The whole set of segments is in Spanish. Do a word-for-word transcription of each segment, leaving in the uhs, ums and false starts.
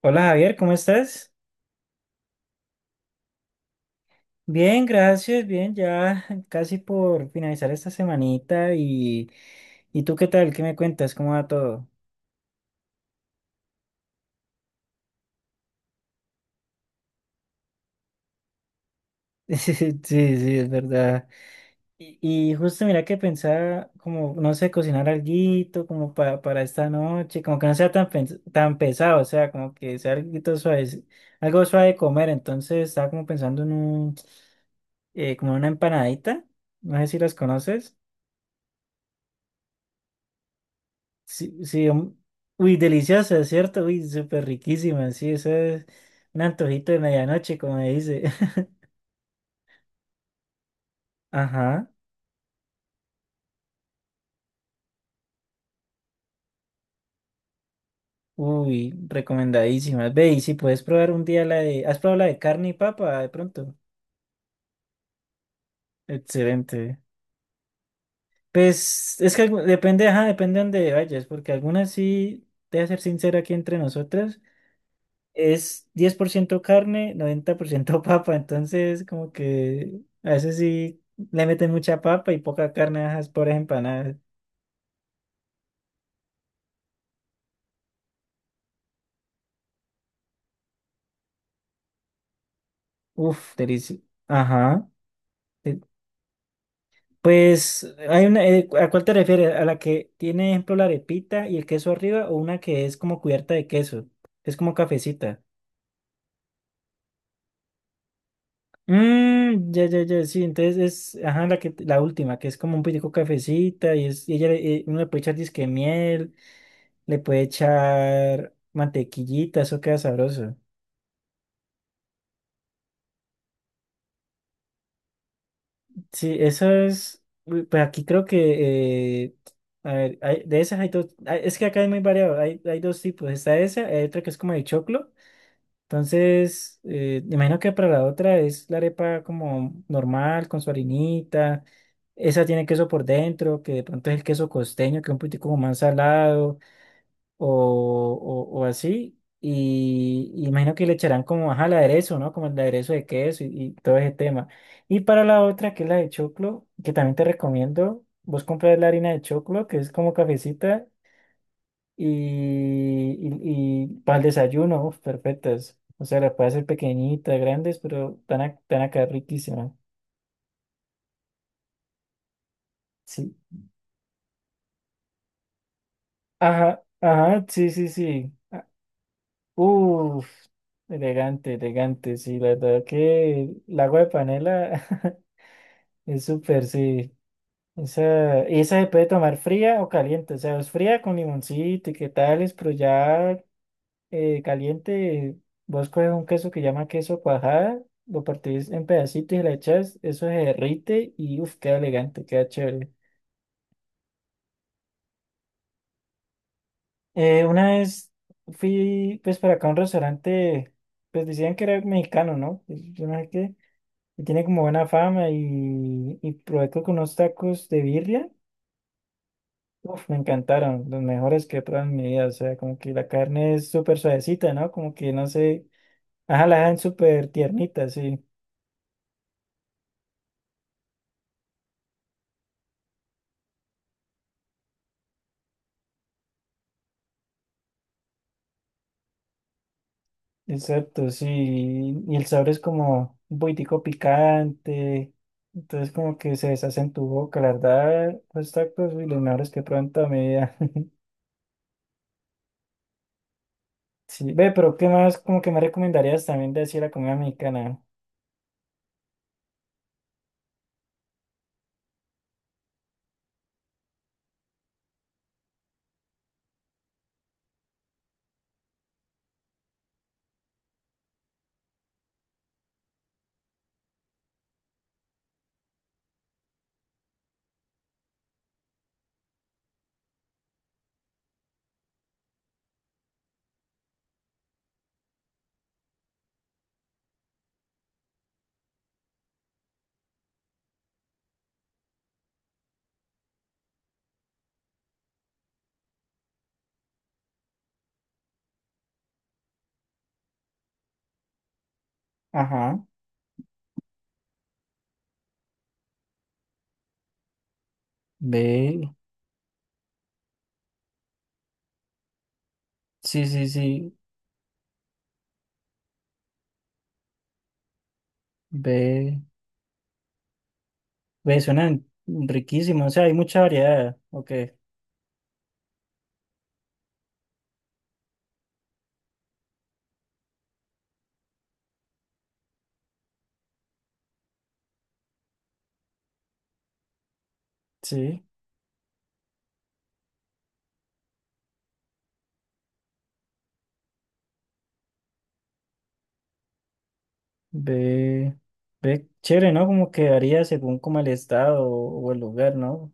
Hola Javier, ¿cómo estás? Bien, gracias, bien, ya casi por finalizar esta semanita y, ¿y tú qué tal? ¿Qué me cuentas? ¿Cómo va todo? Sí, sí, sí, es verdad. Y, y justo mira que pensaba como, no sé, cocinar alguito como pa- para esta noche, como que no sea tan, pens- tan pesado, o sea, como que sea alguito suave, algo suave de comer, entonces estaba como pensando en un, eh, como una empanadita, no sé si las conoces. Sí, sí, hom- uy, deliciosa, ¿cierto? Uy, súper riquísima, sí, eso es un antojito de medianoche, como me dice. Ajá, uy, recomendadísima. Ve, y si puedes probar un día la de, ¿has probado la de carne y papa de pronto? Excelente. Pues, es que algu- depende, ajá, depende de dónde vayas, porque algunas sí, te voy a ser sincera aquí entre nosotras, es diez por ciento carne, noventa por ciento papa, entonces como que a veces sí le meten mucha papa y poca carne, ajá, es por empanadas. Uf, delicioso. Ajá. Eh, Pues, hay una, eh, ¿a cuál te refieres? ¿A la que tiene, ejemplo, la arepita y el queso arriba o una que es como cubierta de queso? Es como cafecita. Mmm, ya, ya, ya, sí. Entonces es, ajá, la que, la última, que es como un poquitico cafecita y, es, y ella, le- eh, uno le puede echar disque miel, le puede echar mantequillita, eso queda sabroso. Sí, eso es, uy, pues aquí creo que, eh, a ver, hay- de esas hay dos, hay- es que acá es muy variado, hay, hay dos tipos, está esa, hay otra que es como de choclo, entonces, eh, me imagino que para la otra es la arepa como normal, con su harinita, esa tiene queso por dentro, que de pronto es el queso costeño, que es un poquitico como más salado, o, o, o así. Y, y imagino que le echarán como ajá, el aderezo, ¿no? Como el aderezo de queso y, y todo ese tema. Y para la otra, que es la de choclo, que también te recomiendo, vos compras la harina de choclo, que es como cafecita, y, y, y para el desayuno, uf, perfectas. O sea, las puedes hacer pequeñitas, grandes, pero van a, van a quedar riquísimas. Sí. Ajá, ajá, sí, sí, sí. Uf, elegante, elegante, sí, la verdad que el agua de panela es súper, sí. Esa, y esa se puede tomar fría o caliente, o sea, es fría con limoncito y qué tales, pero ya eh, caliente, vos coges un queso que llama queso cuajada, lo partís en pedacitos y le echas, eso se derrite y uf, queda elegante, queda chévere. Eh, una vez fui pues para acá a un restaurante, pues decían que era mexicano, ¿no? Pues, yo no sé qué. Y tiene como buena fama y, y probé creo unos tacos de birria. Uf, me encantaron, los mejores que he probado en mi vida. O sea, como que la carne es súper suavecita, ¿no? Como que no sé. Ajá, la dejan súper tiernita, sí. Exacto, sí. Y el sabor es como un poquitico picante. Entonces, como que se deshace en tu boca, la verdad. Los tacos y los mejores que he probado en toda mi vida. Sí, ve, pero ¿qué más? Como que me recomendarías también de así la comida mexicana. Ajá. Ve, sí, sí, sí. Ve, ve suenan riquísimo, o sea, hay mucha variedad, ok, sí, ve, ve chévere, ¿no? Como que varía según como el estado o, o el lugar, ¿no?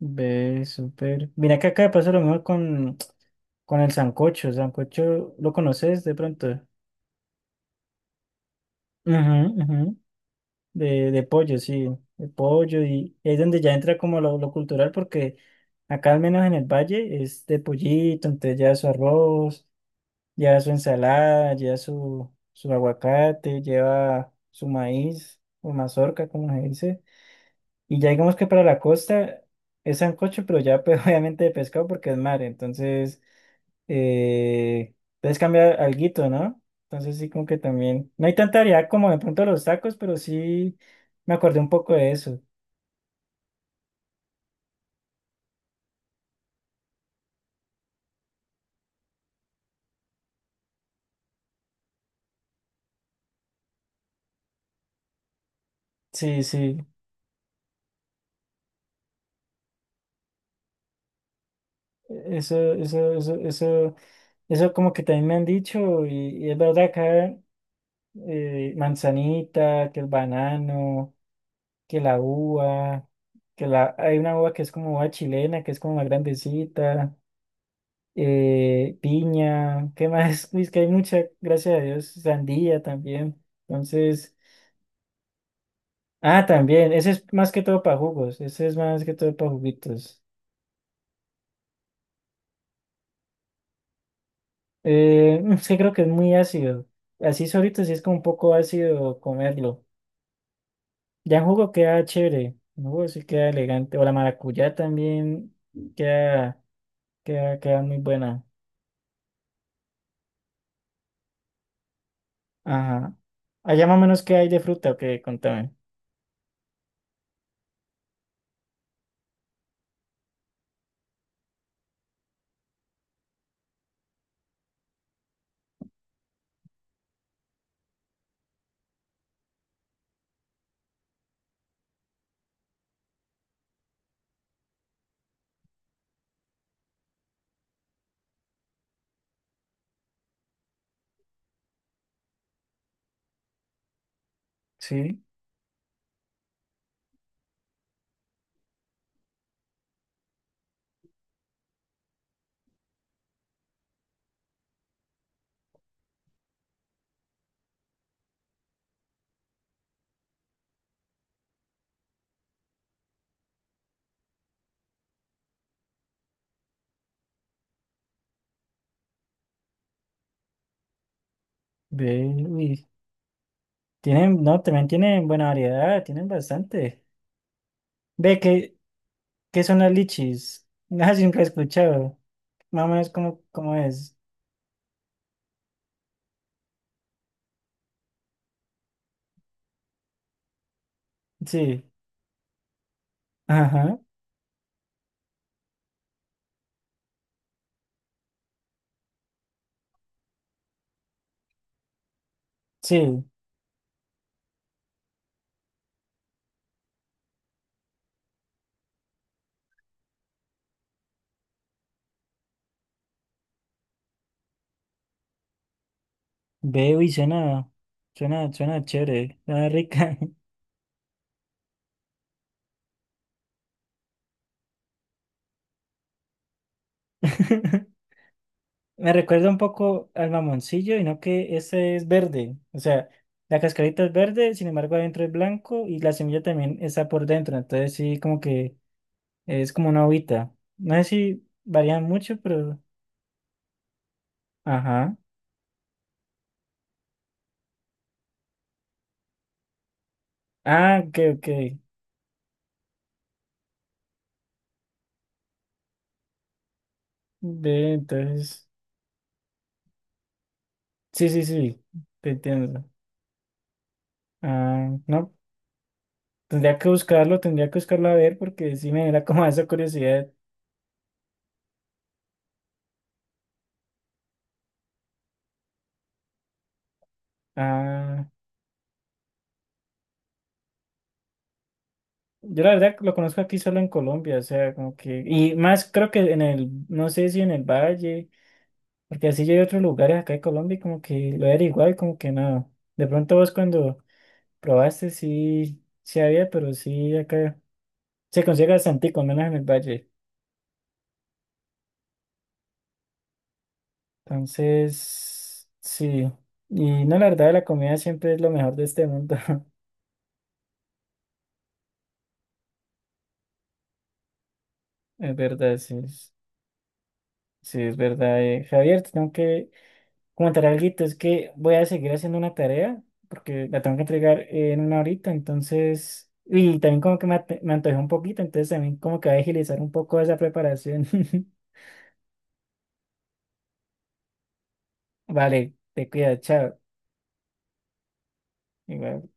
Ve súper, mira que acá pasa lo mismo con, con el sancocho, sancocho, ¿lo conoces de pronto? Ujú, ujú, De, de pollo, sí, de pollo, y es donde ya entra como lo, lo cultural, porque acá al menos en el valle es de pollito, entonces ya su arroz, lleva su ensalada, lleva su, su aguacate, lleva su maíz o mazorca, como se dice. Y ya digamos que para la costa es sancocho, pero ya pues, obviamente de pescado porque es mar. Entonces, eh, puedes cambiar alguito, ¿no? Entonces sí como que también... No hay tanta variedad como de pronto los tacos, pero sí me acordé un poco de eso. Sí, sí. Eso, eso, eso, eso, eso como que también me han dicho y, y es verdad acá eh, manzanita, que el banano, que la uva, que la, hay una uva que es como uva chilena, que es como más grandecita, eh, piña, ¿qué más? Es que hay mucha, gracias a Dios, sandía también. Entonces, ah, también, ese es más que todo para jugos, ese es más que todo para juguitos. Eh, es que creo que es muy ácido. Así solito sí es como un poco ácido comerlo. Ya en jugo queda chévere, en jugo sí queda elegante. O la maracuyá también queda, queda, queda muy buena. Ajá. Allá más o menos qué hay de fruta, o qué, contame. Sí, ve, uy, tienen, no, también tienen buena variedad, tienen bastante. Ve, ¿qué, ¿qué son las lichis? Nada, siempre he escuchado. Más o menos cómo, cómo es. Sí, ajá, sí. Ve, uy, suena, suena, suena chévere, suena rica. Me recuerda un poco al mamoncillo, y no que ese es verde. O sea, la cascarita es verde, sin embargo, adentro es blanco y la semilla también está por dentro. Entonces, sí, como que es como una hojita. No sé si varían mucho, pero. Ajá. Ah, ok, ok. Ve, entonces. Sí, sí, sí. Te entiendo. Ah, no. Tendría que buscarlo, tendría que buscarlo a ver porque sí me da como esa curiosidad. Ah. Yo la verdad lo conozco aquí solo en Colombia, o sea, como que, y más creo que en el, no sé si en el Valle, porque así yo hay otros lugares acá en Colombia y como que lo era igual, como que no. De pronto vos cuando probaste sí, sí había, pero sí acá se consigue bastante, con menos en el Valle. Entonces, sí. Y no, la verdad, la comida siempre es lo mejor de este mundo. Es verdad, sí, es- sí, es verdad. Eh, Javier, te tengo que comentar algo, es que voy a seguir haciendo una tarea porque la tengo que entregar en una horita, entonces, y también como que me, ate- me antojé un poquito, entonces también como que voy a agilizar un poco esa preparación. Vale, te cuidas, chao. Igual.